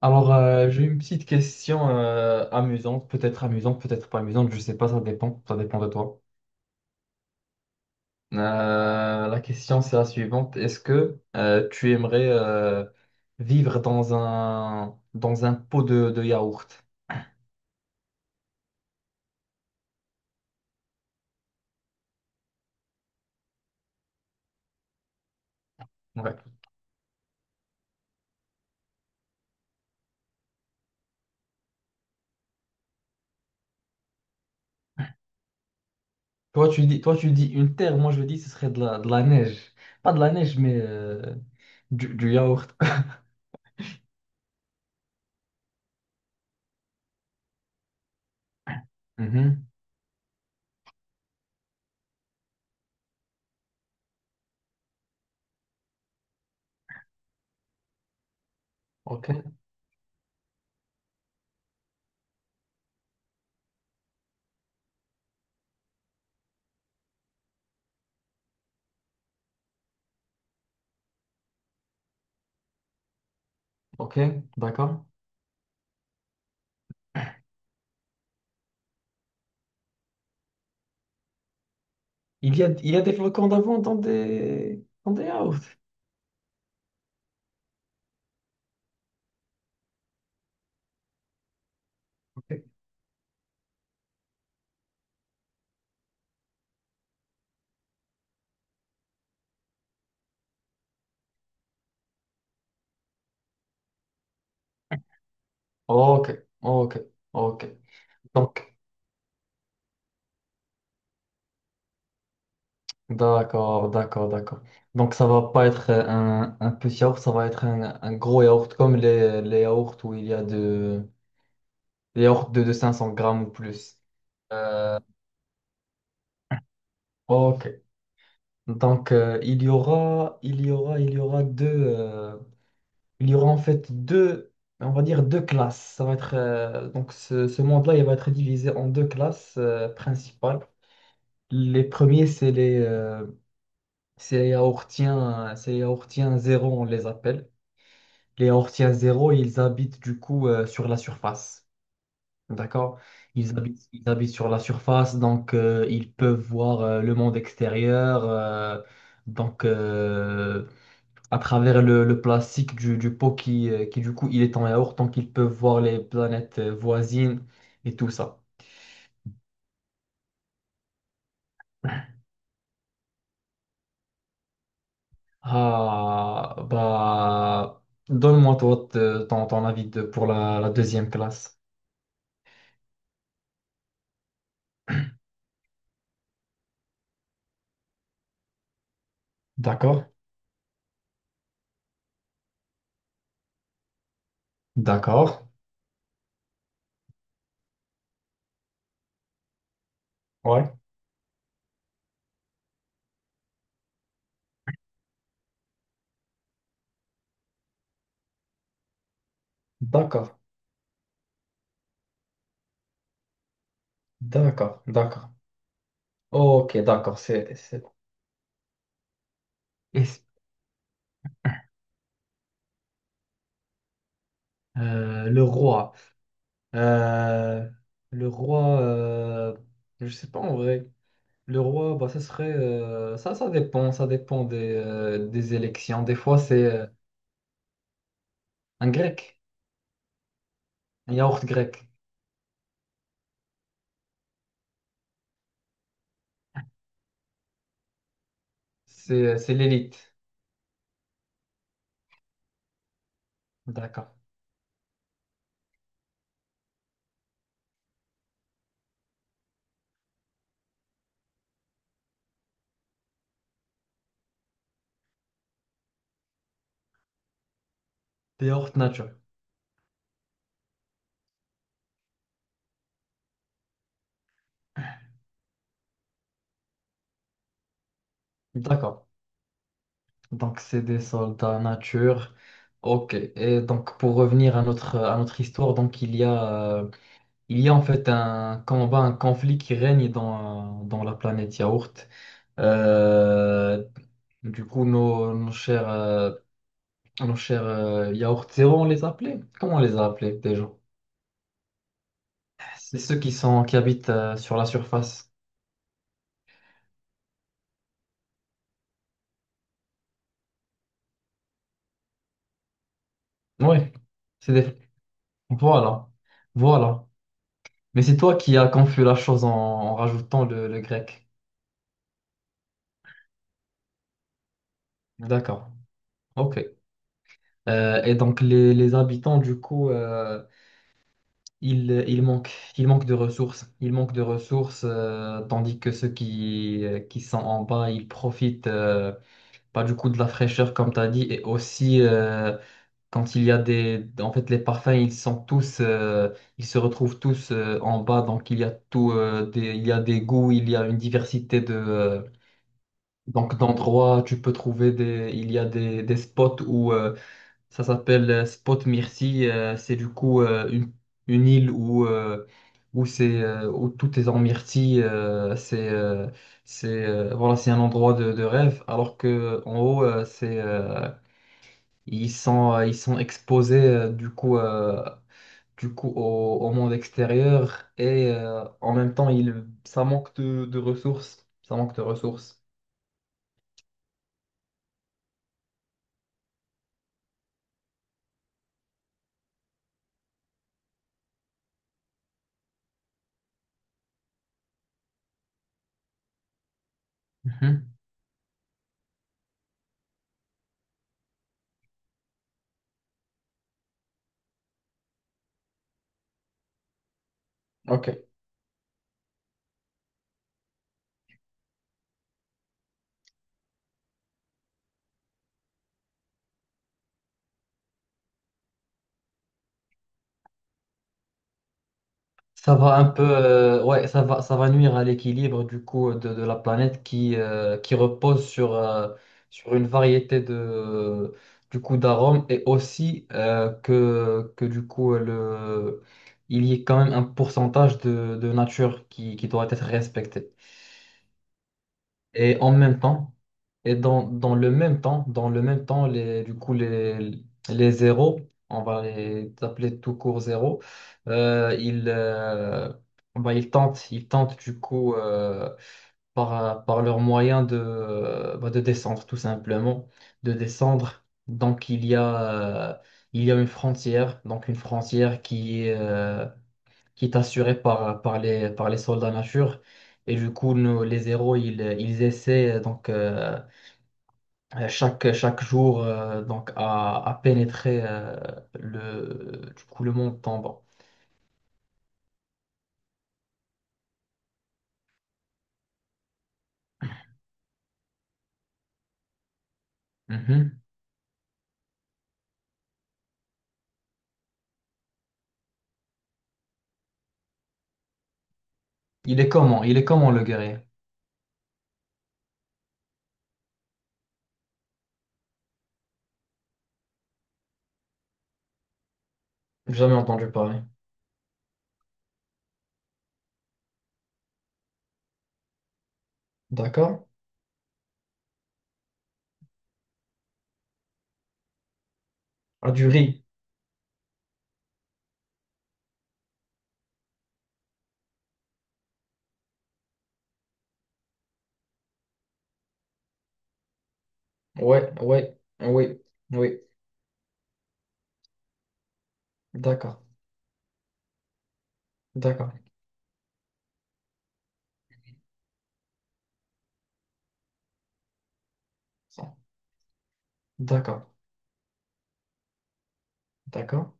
J'ai une petite question amusante, peut-être pas amusante, je sais pas, ça dépend de toi. La question, c'est la suivante. Est-ce que tu aimerais vivre dans un pot de yaourt? Ouais. Toi, tu dis une terre, moi, je dis ce serait de la neige. Pas de la neige, mais du yaourt. Mhm. Ok, ok, d'accord. Il y a des flocons d'avant dans des yaourts. Ok. Ok, ok, ok. Donc, d'accord, d'accord, d'accord. Donc, ça va pas être un petit yaourt, ça va être un gros yaourt, comme les yaourts où il y a les yaourts de 500 grammes ou plus. Euh, ok. Donc, il y aura, il y aura, il y aura deux, il y aura en fait deux, on va dire deux classes. Ça va être, ce monde-là, il va être divisé en deux classes, principales. Les premiers, c'est c'est les yaourtiens, c'est les yaourtiens zéro, on les appelle. Les yaourtiens zéro, ils habitent du coup sur la surface. D'accord? Ils habitent sur la surface, donc ils peuvent voir le monde extérieur. Donc euh, à travers le plastique du pot qui du coup il est en yaourt, donc ils peuvent voir les planètes voisines et tout ça. Ah bah donne-moi ton avis pour la deuxième classe. D'accord, d'accord, ouais, d'accord, d'accord, d'accord. Ok, d'accord, et- c'est- le roi. euh, le roi, je sais pas en vrai. Le roi, bah, ça serait, ça dépend des élections. Des fois, c'est un grec, un yaourt grec. C'est l'élite. D'accord. Yaourt nature. D'accord. Donc, c'est des soldats nature. Ok. Et donc, pour revenir à notre histoire, donc, il y a en fait un combat, un conflit qui règne dans la planète Yaourt. Euh, du coup, nos, nos chers Yaourt Zéro, on les appelait? Comment on les a appelés déjà? C'est ceux qui sont, qui habitent sur la surface. Oui. C'est des... Voilà. Voilà. Mais c'est toi qui as confus la chose en rajoutant le grec. D'accord. Ok. Et donc les habitants, du coup, ils, ils manquent, ils manquent de ressources. Ils manquent de ressources, tandis que ceux qui sont en bas, ils profitent pas du coup de la fraîcheur, comme tu as dit. Et aussi, quand il y a des... En fait, les parfums, ils sont tous... ils se retrouvent tous en bas. Donc, il y a tout... il y a des goûts, il y a une diversité de... donc, d'endroits, tu peux trouver des... Il y a des spots où... Ça s'appelle Spot Myrcy. C'est du coup une île où, où, c'est, où tout est en myrtille. C'est Voilà, c'est un endroit de rêve. Alors que en haut, ils sont exposés du coup au, au monde extérieur et en même temps, ils, ça manque de ressources. Ça manque de ressources. Mhm. Ok. Ça va un peu, ouais, ça va nuire à l'équilibre du coup de la planète qui repose sur une variété du coup d'arômes et aussi que du coup il y ait quand même un pourcentage de nature qui doit être respecté. Et en même temps, et dans le même temps, les zéros, on va les appeler tout court zéros, euh, ils, euh, bah, ils tentent du coup par leurs moyens de, bah, de descendre, tout simplement, de descendre. Donc il y a une frontière, donc une frontière qui est assurée par les soldats nature. Et du coup, nous, les zéros, ils essaient donc chaque jour donc à pénétrer du coup, le monde tombant. Mhm. Il est comment? Il est comment le guerrier? Jamais entendu parler. D'accord? Ah, du riz. Ouais, ouais, oui, oui. D'accord, d'accord, d'accord, d'accord,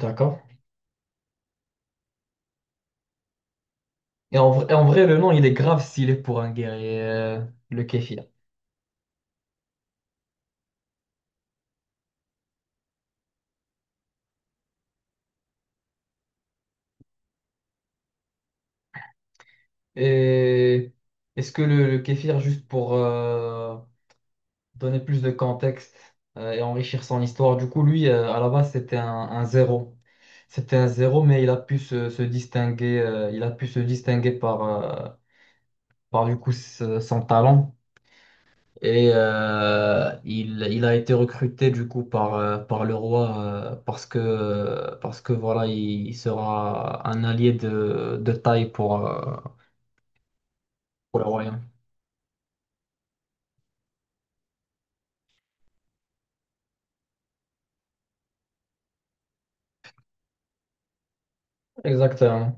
d'accord. Et en vrai, le nom, il est grave s'il est pour un guerrier, le kéfir. Et est-ce que le kéfir, juste pour donner plus de contexte et enrichir son histoire. Du coup, lui, à la base, c'était un zéro. C'était un zéro, mais il a pu se distinguer, il a pu se distinguer par, son talent. Et il a été recruté du coup par, par le roi parce que voilà, il sera un allié de taille pour le royaume. Exactement.